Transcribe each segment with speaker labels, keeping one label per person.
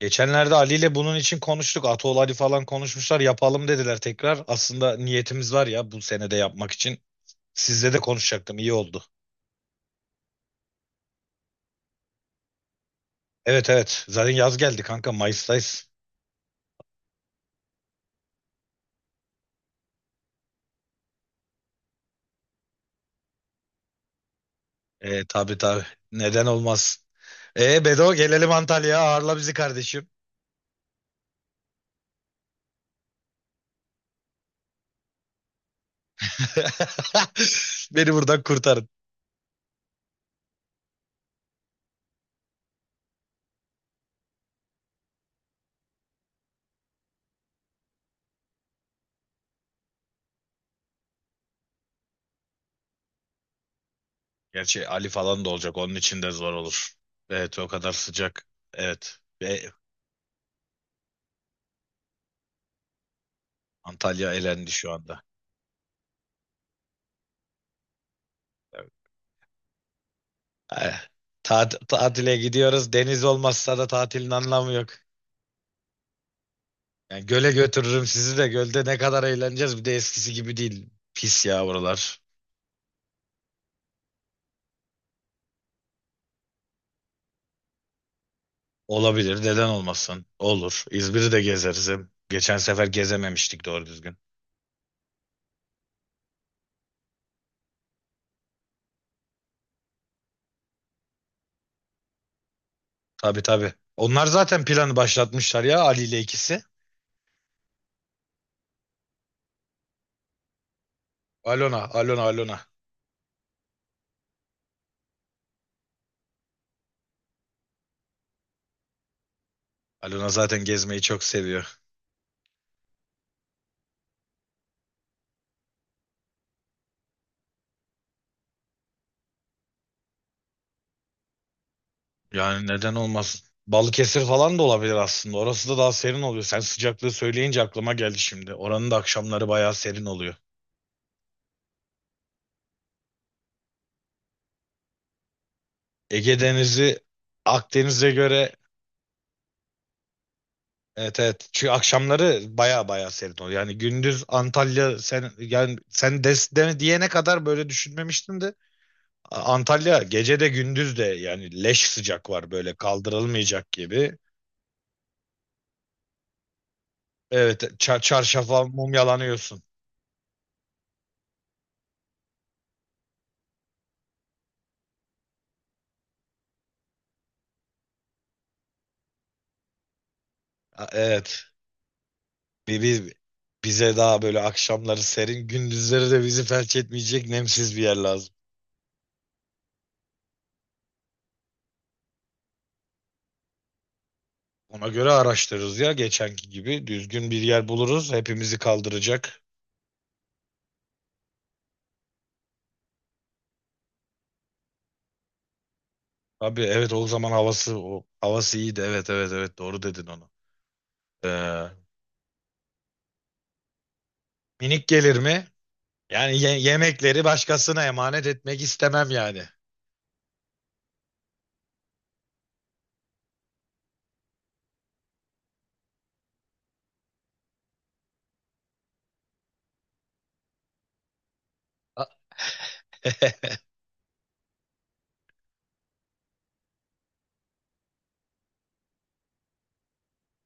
Speaker 1: Geçenlerde Ali ile bunun için konuştuk. Atol Ali falan konuşmuşlar. Yapalım dediler tekrar. Aslında niyetimiz var ya bu senede yapmak için. Sizle de konuşacaktım. İyi oldu. Evet evet. Zaten yaz geldi kanka. Mayıs'tayız. Tabii tabii. Neden olmaz. Bedo, gelelim Antalya'ya. Ağırla bizi kardeşim. Beni buradan kurtarın. Gerçi Ali falan da olacak. Onun için de zor olur. Evet o kadar sıcak. Evet. Ve Antalya elendi şu anda. Evet. Ay, Tatile gidiyoruz. Deniz olmazsa da tatilin anlamı yok. Yani göle götürürüm sizi de gölde ne kadar eğleneceğiz. Bir de eskisi gibi değil. Pis ya buralar. Olabilir. Neden olmasın? Olur. İzmir'i de gezeriz. Hem geçen sefer gezememiştik doğru düzgün. Tabii tabii. Onlar zaten planı başlatmışlar ya Ali ile ikisi. Alona, Alona, Alona. Alona zaten gezmeyi çok seviyor. Yani neden olmasın? Balıkesir falan da olabilir aslında. Orası da daha serin oluyor. Sen sıcaklığı söyleyince aklıma geldi şimdi. Oranın da akşamları bayağı serin oluyor. Ege Denizi, Akdeniz'e göre, evet evet. Çünkü akşamları bayağı bayağı serin oluyor. Yani gündüz Antalya, sen yani sen diyene kadar böyle düşünmemiştim de Antalya gece de gündüz de yani leş sıcak var, böyle kaldırılmayacak gibi. Evet, çarşafa mum yalanıyorsun. Evet. Bi- bi- Bize daha böyle akşamları serin, gündüzleri de bizi felç etmeyecek nemsiz bir yer lazım. Ona göre araştırırız ya geçenki gibi. Düzgün bir yer buluruz. Hepimizi kaldıracak. Abi evet, o zaman havası, o havası iyiydi. Evet evet evet, doğru dedin onu. Ee, Minik gelir mi? Yani yemekleri başkasına emanet etmek istemem yani. A-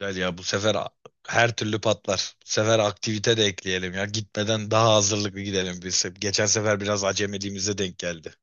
Speaker 1: Güzel ya, bu sefer her türlü patlar. Bu sefer aktivite de ekleyelim ya. Gitmeden daha hazırlıklı gidelim biz. Geçen sefer biraz acemiliğimize denk geldi.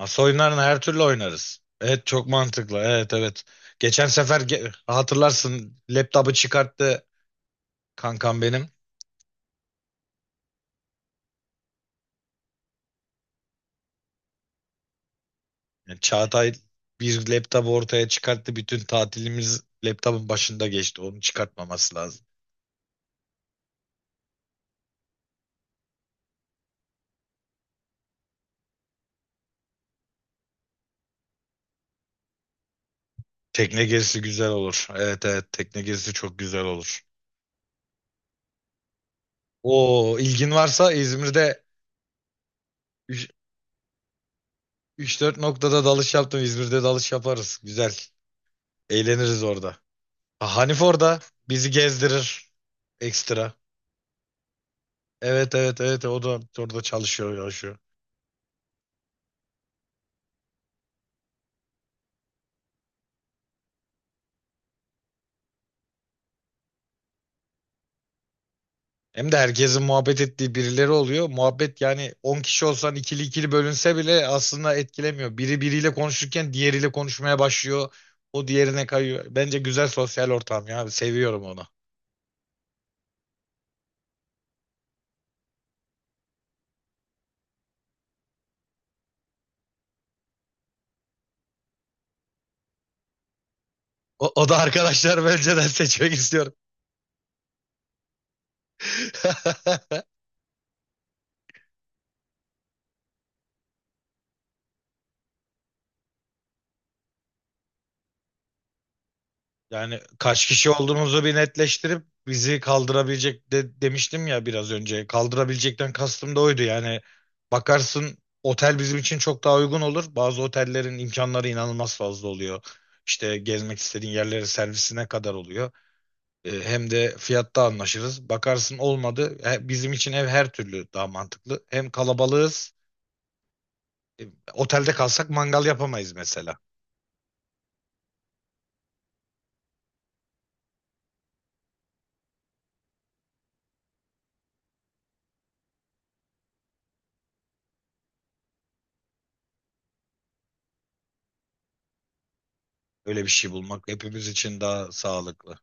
Speaker 1: Masa oyunlarını her türlü oynarız. Evet, çok mantıklı. Evet evet. Geçen sefer hatırlarsın, laptopu çıkarttı kankam benim. Yani Çağatay bir laptopu ortaya çıkarttı. Bütün tatilimiz laptopun başında geçti. Onu çıkartmaması lazım. Tekne gezisi güzel olur. Evet evet, tekne gezisi çok güzel olur. O ilgin varsa, İzmir'de üç dört noktada dalış yaptım. İzmir'de dalış yaparız. Güzel. Eğleniriz orada. Ha, Hanif orada bizi gezdirir ekstra. Evet evet evet, o da orada çalışıyor, yaşıyor. Hem de herkesin muhabbet ettiği birileri oluyor. Muhabbet yani 10 kişi olsan, ikili ikili bölünse bile aslında etkilemiyor. Biri biriyle konuşurken diğeriyle konuşmaya başlıyor. O diğerine kayıyor. Bence güzel sosyal ortam ya. Seviyorum onu. O, o da arkadaşlar önceden seçmek istiyorum. Yani kaç kişi olduğumuzu bir netleştirip bizi kaldırabilecek de, demiştim ya biraz önce. Kaldırabilecekten kastım da oydu. Yani bakarsın otel bizim için çok daha uygun olur. Bazı otellerin imkanları inanılmaz fazla oluyor. İşte gezmek istediğin yerlere servisine kadar oluyor. Hem de fiyatta anlaşırız. Bakarsın olmadı. Bizim için ev her türlü daha mantıklı. Hem kalabalığız. Otelde kalsak mangal yapamayız mesela. Öyle bir şey bulmak hepimiz için daha sağlıklı.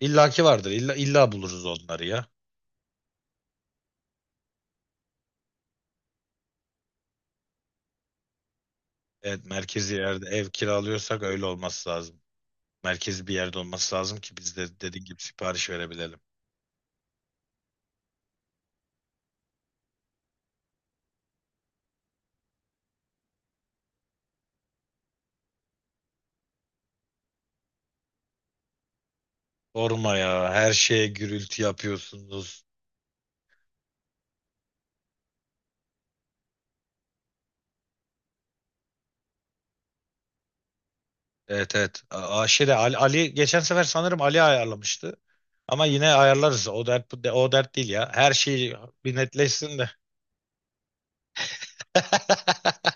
Speaker 1: İllaki vardır. İlla buluruz onları ya. Evet, merkezi yerde ev kiralıyorsak öyle olması lazım. Merkezi bir yerde olması lazım ki biz de dediğin gibi sipariş verebilelim. Sorma ya, her şeye gürültü yapıyorsunuz. Evet evet. Şeyde Ali geçen sefer sanırım Ali ayarlamıştı. Ama yine ayarlarız. O dert, o dert değil ya. Her şey bir netleşsin de.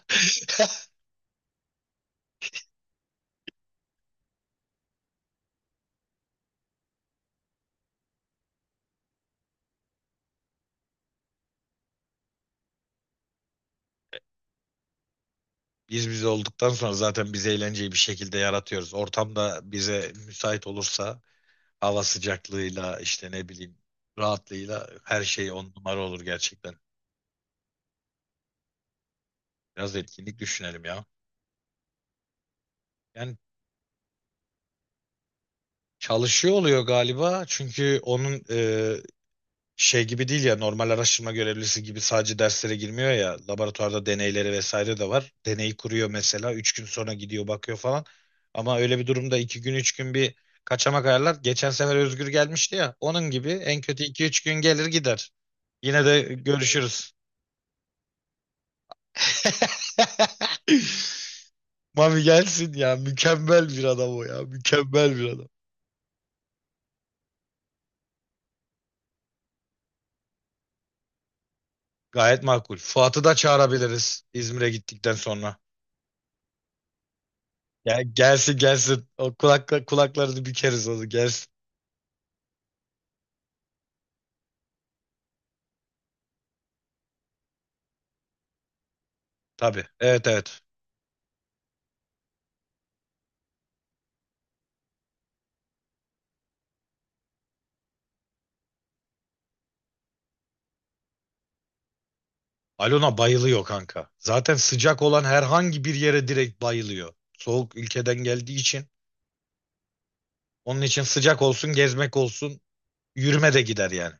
Speaker 1: Biz biz olduktan sonra zaten biz eğlenceyi bir şekilde yaratıyoruz. Ortam da bize müsait olursa, hava sıcaklığıyla işte ne bileyim, rahatlığıyla her şey on numara olur gerçekten. Biraz etkinlik düşünelim ya. Yani çalışıyor oluyor galiba, çünkü onun şey gibi değil ya, normal araştırma görevlisi gibi sadece derslere girmiyor ya, laboratuvarda deneyleri vesaire de var. Deneyi kuruyor mesela, 3 gün sonra gidiyor bakıyor falan. Ama öyle bir durumda 2 gün 3 gün bir kaçamak ayarlar. Geçen sefer Özgür gelmişti ya, onun gibi en kötü iki üç gün gelir gider. Yine de görüşürüz. Mami gelsin ya. Mükemmel bir adam o ya. Mükemmel bir adam. Gayet makul. Fuat'ı da çağırabiliriz İzmir'e gittikten sonra. Ya gelsin gelsin. O kulaklarını bükeriz, onu gelsin. Tabii. Evet evet. Alona bayılıyor kanka. Zaten sıcak olan herhangi bir yere direkt bayılıyor. Soğuk ülkeden geldiği için. Onun için sıcak olsun, gezmek olsun, yürüme de gider yani.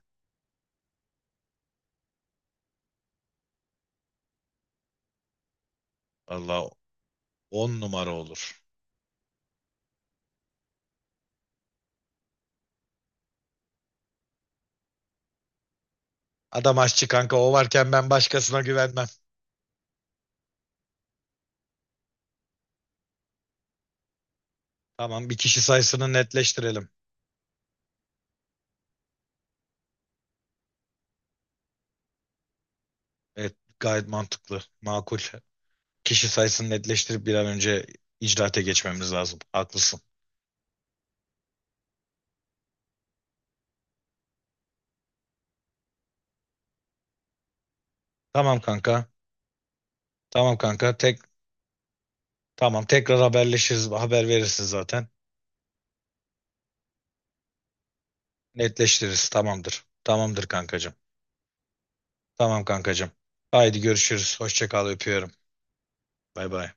Speaker 1: Allah on numara olur. Adam aşçı kanka, o varken ben başkasına güvenmem. Tamam, bir kişi sayısını netleştirelim. Evet, gayet mantıklı, makul. Kişi sayısını netleştirip bir an önce icraate geçmemiz lazım. Haklısın. Tamam kanka. Tamam kanka. Tamam, tekrar haberleşiriz. Haber verirsin zaten. Netleştiririz. Tamamdır. Tamamdır kankacığım. Tamam kankacığım. Haydi görüşürüz. Hoşça kal, öpüyorum. Bay bay.